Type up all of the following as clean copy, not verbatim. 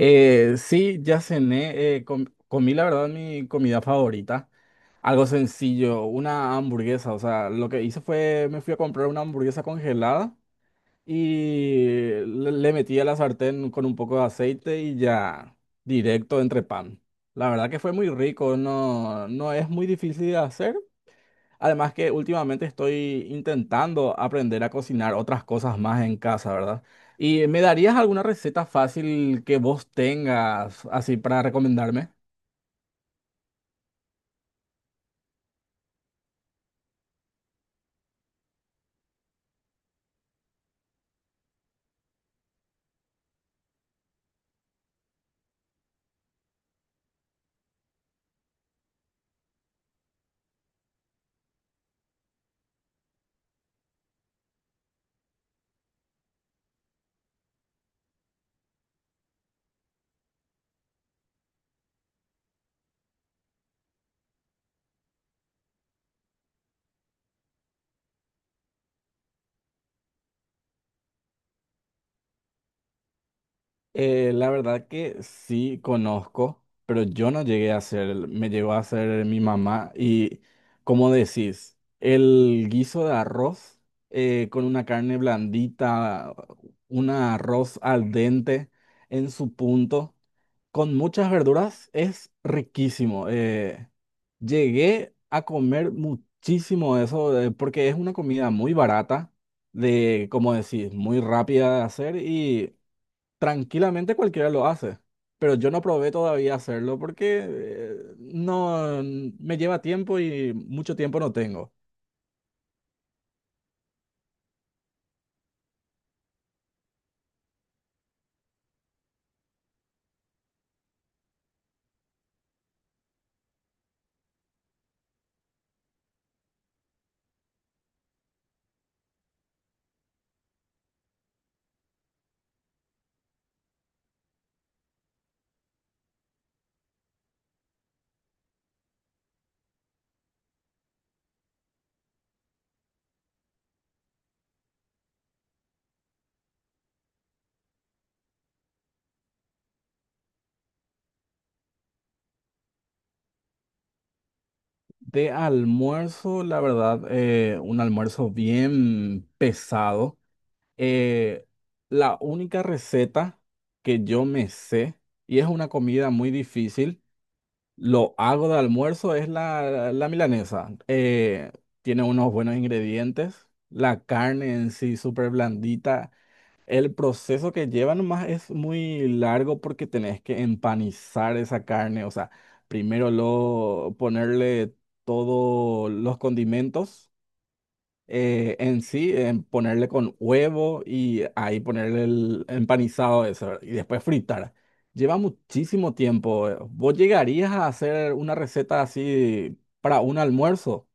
Sí, ya cené, comí la verdad mi comida favorita. Algo sencillo, una hamburguesa. O sea, lo que hice fue, me fui a comprar una hamburguesa congelada y le metí a la sartén con un poco de aceite y ya directo entre pan. La verdad que fue muy rico, no, no es muy difícil de hacer. Además que últimamente estoy intentando aprender a cocinar otras cosas más en casa, ¿verdad? ¿Y me darías alguna receta fácil que vos tengas así para recomendarme? La verdad que sí conozco, pero yo no llegué a hacer, me llegó a hacer mi mamá y, como decís, el guiso de arroz con una carne blandita, un arroz al dente en su punto, con muchas verduras es riquísimo. Llegué a comer muchísimo eso, porque es una comida muy barata, de, como decís, muy rápida de hacer y tranquilamente cualquiera lo hace. Pero yo no probé todavía hacerlo porque no n- me lleva tiempo y mucho tiempo no tengo. De almuerzo, la verdad, un almuerzo bien pesado. Eh, la única receta que yo me sé, y es una comida muy difícil, lo hago de almuerzo, es la milanesa. Tiene unos buenos ingredientes, la carne en sí súper blandita. El proceso que lleva nomás es muy largo porque tenés que empanizar esa carne, o sea, primero lo, ponerle todos los condimentos en sí, en ponerle con huevo y ahí ponerle el empanizado eso y después fritar. Lleva muchísimo tiempo. ¿Vos llegarías a hacer una receta así para un almuerzo?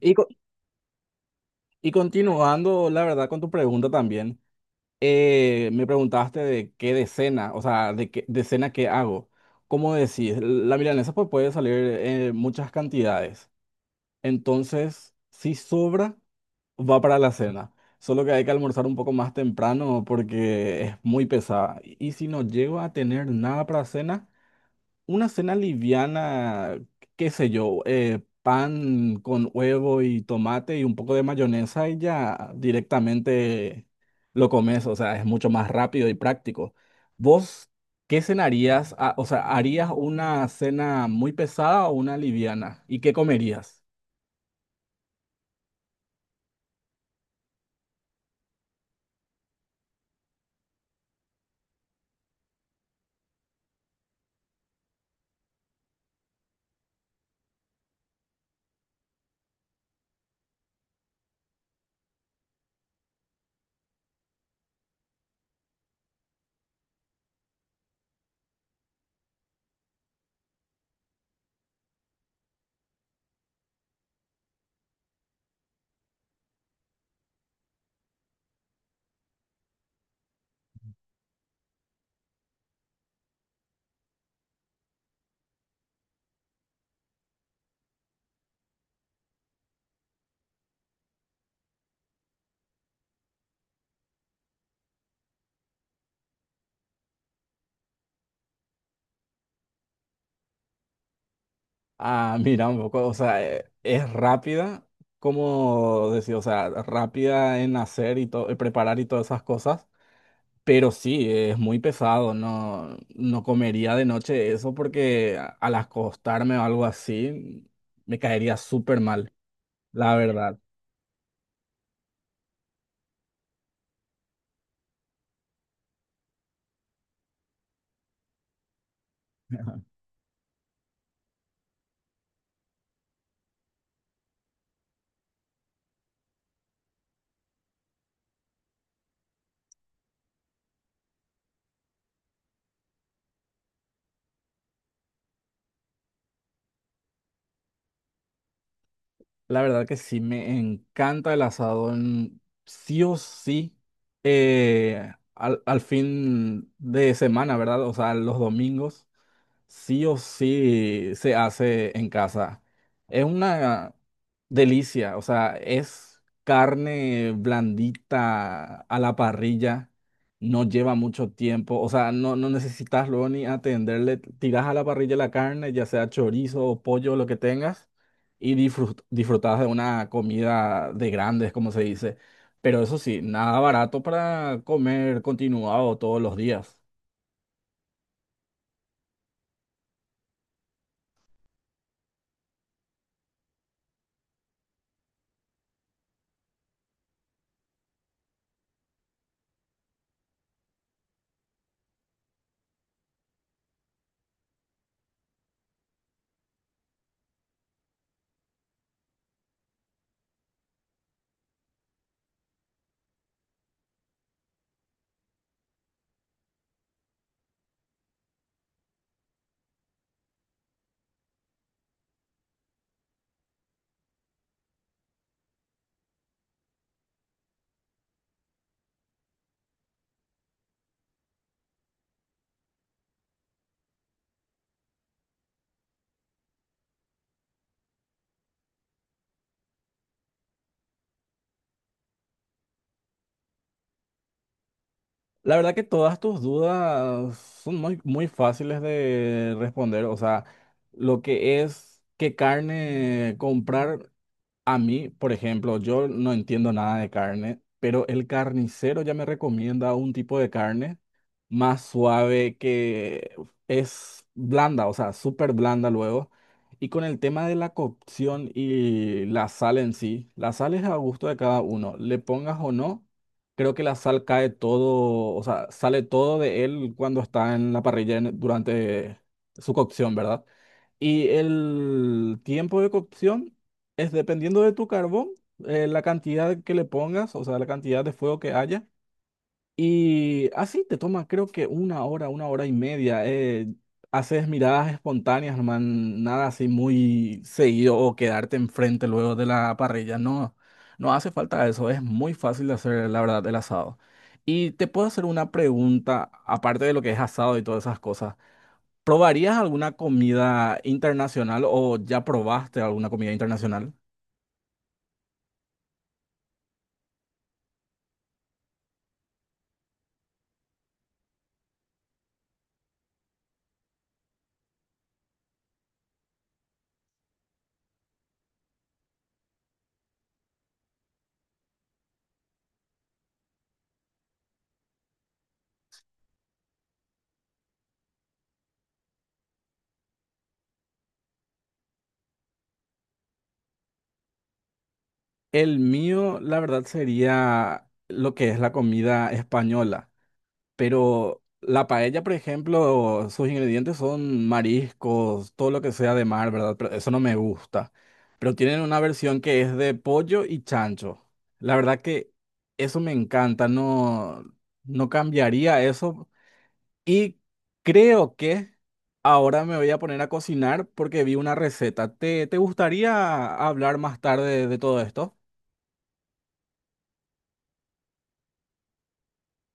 Y, co- y continuando, la verdad, con tu pregunta también, me preguntaste de qué de cena, o sea, de qué de cena qué hago. Como decís, la milanesa pues puede salir en muchas cantidades. Entonces, si sobra, va para la cena. Solo que hay que almorzar un poco más temprano porque es muy pesada. Y si no llego a tener nada para cena, una cena liviana, qué sé yo, pan con huevo y tomate y un poco de mayonesa y ya directamente lo comes. O sea, es mucho más rápido y práctico. ¿Vos qué cenarías? Ah, o sea, ¿harías una cena muy pesada o una liviana? ¿Y qué comerías? Ah, mira, un poco, o sea, es rápida, como decir, o sea, rápida en hacer y todo, preparar y todas esas cosas, pero sí, es muy pesado, no no comería de noche eso porque al acostarme o algo así, me caería súper mal, la verdad. La verdad que sí, me encanta el asado. Sí o sí, al fin de semana, ¿verdad? O sea, los domingos, sí o sí se hace en casa. Es una delicia, o sea, es carne blandita a la parrilla, no lleva mucho tiempo, o sea, no, no necesitas luego ni atenderle, tiras a la parrilla la carne, ya sea chorizo o pollo, lo que tengas y disfrutabas de una comida de grandes, como se dice. Pero eso sí, nada barato para comer continuado todos los días. La verdad que todas tus dudas son muy, muy fáciles de responder. O sea, lo que es qué carne comprar, a mí, por ejemplo, yo no entiendo nada de carne, pero el carnicero ya me recomienda un tipo de carne más suave que es blanda, o sea, súper blanda luego. Y con el tema de la cocción y la sal en sí, la sal es a gusto de cada uno, le pongas o no, creo que la sal cae todo, o sea, sale todo de él cuando está en la parrilla durante su cocción, ¿verdad? Y el tiempo de cocción. Es dependiendo de tu carbón, la cantidad que le pongas, o sea, la cantidad de fuego que haya. Y así te toma, creo que una hora y media. Haces miradas espontáneas, no man, nada así muy seguido o quedarte enfrente luego de la parrilla. No, no hace falta eso. Es muy fácil de hacer, la verdad, el asado. Y te puedo hacer una pregunta, aparte de lo que es asado y todas esas cosas. ¿Probarías alguna comida internacional o ya probaste alguna comida internacional? El mío, la verdad, sería lo que es la comida española. Pero la paella, por ejemplo, sus ingredientes son mariscos, todo lo que sea de mar, ¿verdad? Pero eso no me gusta. Pero tienen una versión que es de pollo y chancho. La verdad que eso me encanta, no no cambiaría eso. Y creo que ahora me voy a poner a cocinar porque vi una receta. ¿Te gustaría hablar más tarde de todo esto?